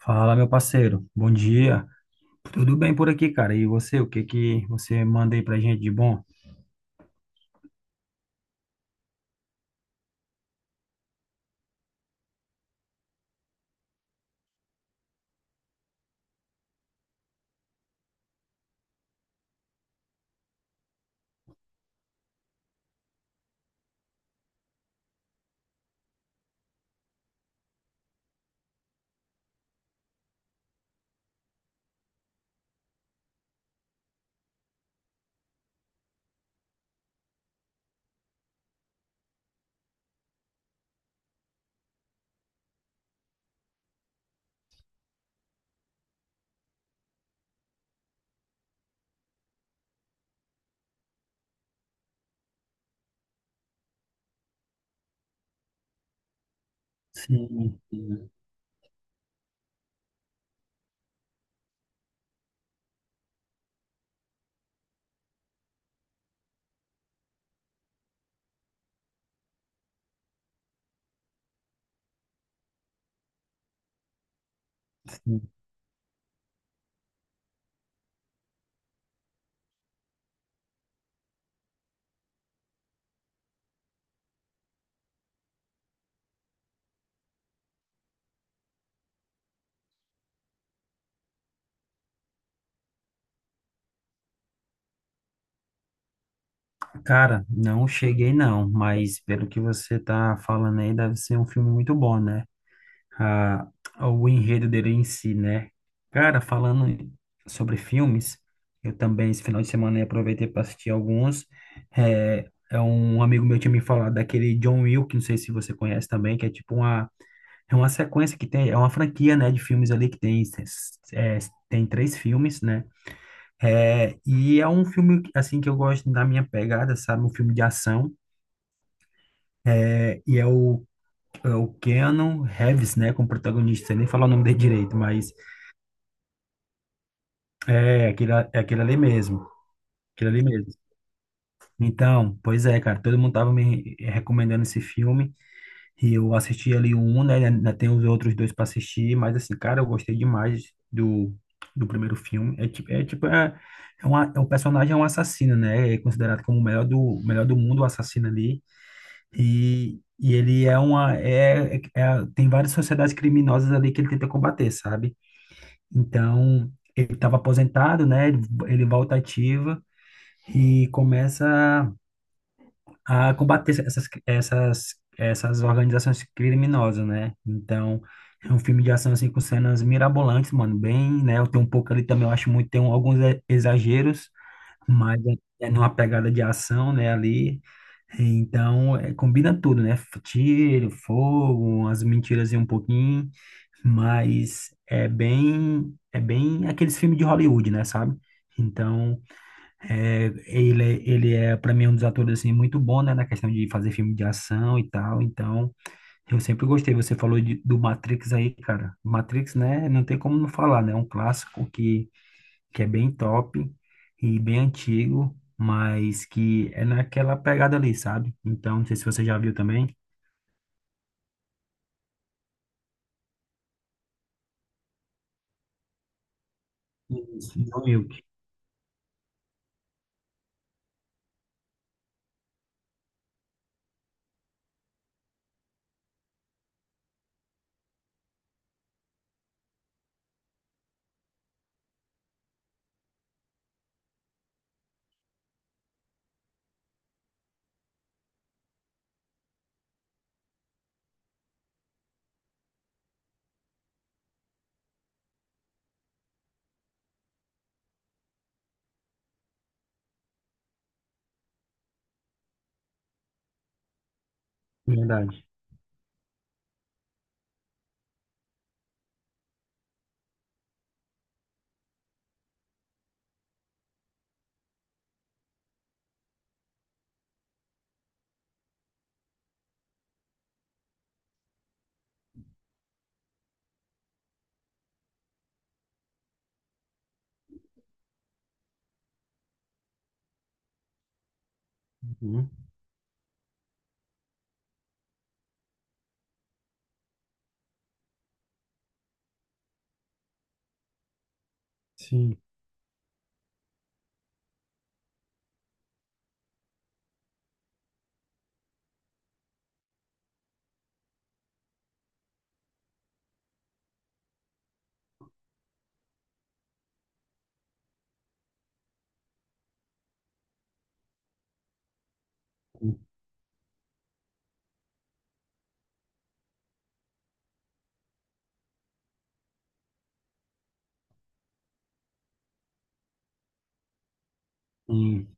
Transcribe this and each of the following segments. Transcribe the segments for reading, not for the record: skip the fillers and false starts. Fala, meu parceiro. Bom dia. Tudo bem por aqui, cara? E você, o que que você manda aí pra gente de bom? Sim, sim. Sim. Cara, não cheguei não, mas pelo que você tá falando aí, deve ser um filme muito bom, né? Ah, o enredo dele em si, né? Cara, falando sobre filmes, eu também esse final de semana aproveitei para assistir alguns. É, um amigo meu tinha me falado daquele John Wick, não sei se você conhece também, que é tipo uma. É uma sequência que tem, é uma franquia, né, de filmes ali que tem, é, é, tem três filmes, né? É, e é um filme, assim, que eu gosto da minha pegada, sabe? Um filme de ação. É, e é é o Keanu Reeves, né, como protagonista. Sei nem falar o nome dele direito, mas é aquele ali mesmo. Aquele ali mesmo. Então, pois é, cara, todo mundo tava me recomendando esse filme. E eu assisti ali o um, né? Ainda tem os outros dois para assistir, mas assim, cara, eu gostei demais do primeiro filme. É tipo, uma, é um personagem, é um assassino, né? É considerado como o melhor melhor do mundo, o assassino ali. E ele é uma, é- tem várias sociedades criminosas ali que ele tenta combater, sabe? Então, ele estava aposentado, né? Ele volta ativa e começa a combater essas organizações criminosas, né? Então, é um filme de ação, assim, com cenas mirabolantes, mano, bem, né? Eu tenho um pouco ali também, eu acho muito, tem um- alguns e- exageros, mas é numa pegada de ação, né, ali. Então, é, combina tudo, né? F- Tiro, fogo, umas mentiras e um pouquinho, mas é bem aqueles filmes de Hollywood, né, sabe? Então, é, ele, é- ele é, para mim, um dos atores, assim, muito bom, né, na questão de fazer filme de ação e tal, então, eu sempre gostei, você falou de- do Matrix aí, cara, Matrix, né, não tem como não falar, né, é um clássico que é bem top e bem antigo, mas que é naquela pegada ali, sabe? Então, não sei se você já viu também. Isso. John Wick, verdade. Uhum. Sim. Sim.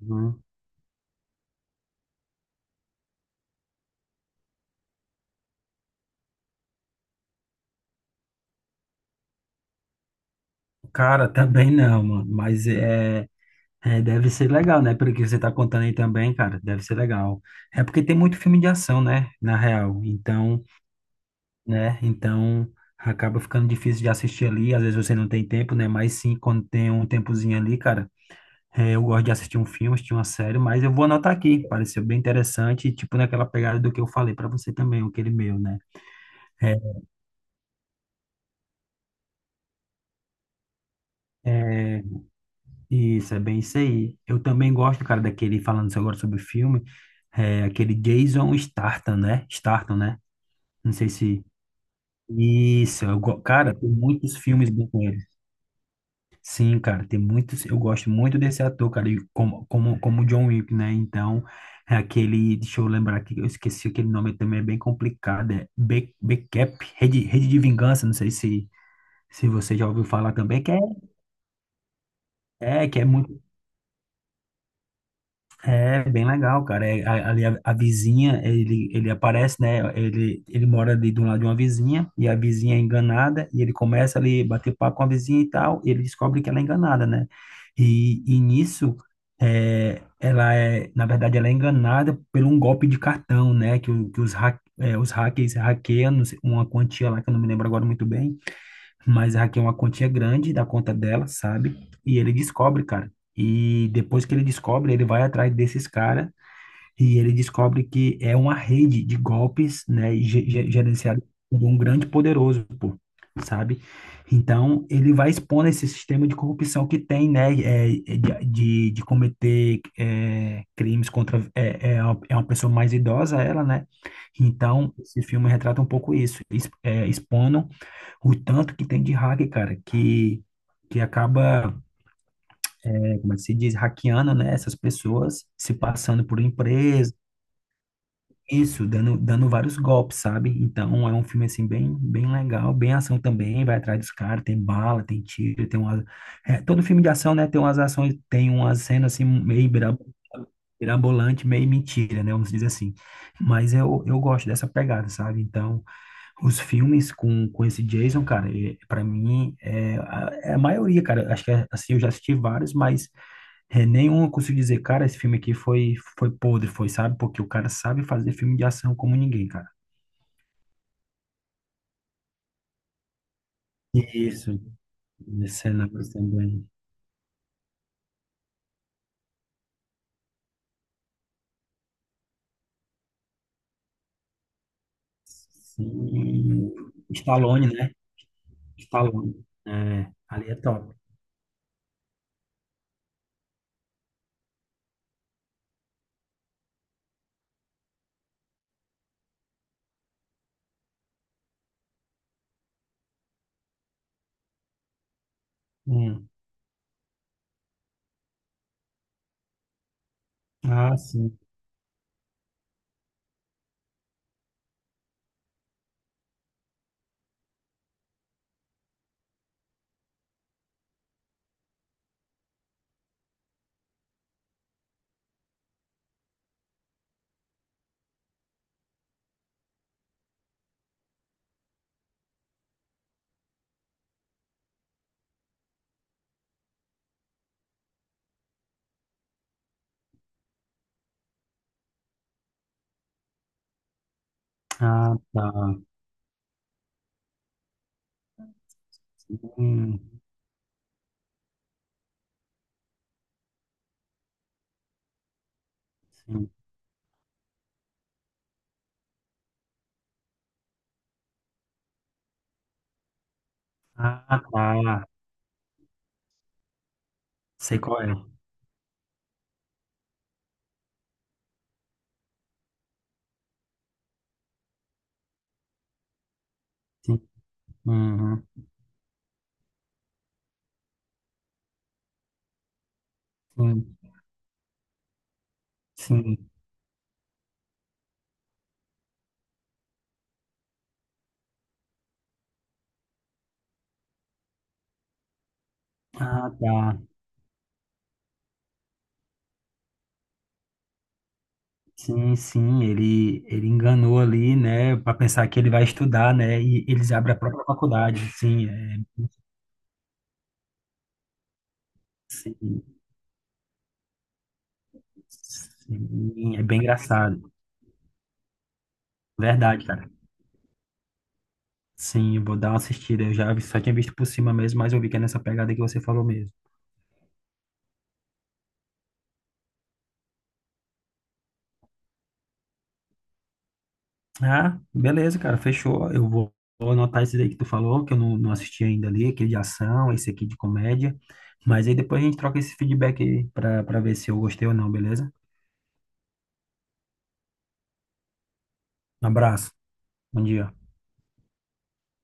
Uhum. Cara, também não, mano, mas é. É, deve ser legal, né? Pelo que você tá contando aí também, cara, deve ser legal. É porque tem muito filme de ação, né? Na real. Então, né? Então, acaba ficando difícil de assistir ali. Às vezes você não tem tempo, né? Mas sim, quando tem um tempozinho ali, cara, é, eu gosto de assistir um filme, assistir uma série, mas eu vou anotar aqui. Pareceu bem interessante, e, tipo naquela pegada do que eu falei pra você também, aquele meu, né? É, é, isso, é bem isso aí. Eu também gosto, cara, daquele, falando agora sobre filme, é, aquele Jason Statham, né? Statham, né? Não sei se. Isso, eu go- cara, tem muitos filmes bons com ele. Sim, cara, tem muitos. Eu gosto muito desse ator, cara, e como John Wick, né? Então, é aquele. Deixa eu lembrar aqui, eu esqueci aquele nome também, é bem complicado. É Be- Becap, Rede, Rede de Vingança, não sei se, se você já ouviu falar também, que é, é, que é muito. É bem legal, cara. É, a- ali a vizinha, ele aparece, né? Ele mora ali do lado de uma vizinha, e a vizinha é enganada, e ele começa ali a bater papo com a vizinha e tal, e ele descobre que ela é enganada, né? E nisso, é, ela é, na verdade, ela é enganada por um golpe de cartão, né? Que, o- que os, hack, é, os hackers hackeiam não sei, uma quantia lá, que eu não me lembro agora muito bem, mas a Raquel é uma quantia grande da conta dela, sabe? E ele descobre, cara. E depois que ele descobre, ele vai atrás desses caras e ele descobre que é uma rede de golpes, né? ge- ge- Gerenciado por um grande poderoso, pô, sabe? Então, ele vai expondo esse sistema de corrupção que tem, né? De, de cometer é, crimes contra... É, é uma pessoa mais idosa, ela, né? Então, esse filme retrata um pouco isso, exp- é, expondo o tanto que tem de hack, cara, que acaba, é, como é que se diz, hackeando, né, essas pessoas, se passando por empresa, isso, dando vários golpes, sabe? Então é um filme, assim, bem, bem legal, bem ação também, vai atrás dos caras, tem bala, tem tiro, tem uma... é, todo filme de ação, né, tem umas ações, tem umas cenas, assim, meio bira- mirabolante, meio mentira, né, vamos dizer assim. Mas eu gosto dessa pegada, sabe? Então... Os filmes com esse Jason, cara, ele- pra mim é a, é a maioria, cara. Acho que é, assim, eu já assisti vários, mas é, nenhum eu consigo dizer, cara, esse filme aqui foi, foi podre, foi, sabe? Porque o cara sabe fazer filme de ação como ninguém, cara. Isso, cenários também. Sim. Stallone, né? Stallone. É, ali é top. Hum. Ah, sim. Ah, tá. Hum, sim. Ah, tá. Sei qual é. Sim. Uhum. Sim. Sim. Ah, tá. Sim, sim, ele enganou ali, né, para pensar que ele vai estudar, né, e eles abrem a própria faculdade. Sim, é, sim, sim, é bem engraçado. Verdade, cara. Sim, eu vou dar uma assistida. Eu já vi- só tinha visto por cima mesmo, mas eu vi que é nessa pegada que você falou mesmo. Ah, beleza, cara, fechou. Eu vou, vou anotar esse daí que tu falou, que eu não, não assisti ainda ali, aquele de ação, esse aqui de comédia. Mas aí depois a gente troca esse feedback aí para para ver se eu gostei ou não, beleza? Um abraço. Bom dia.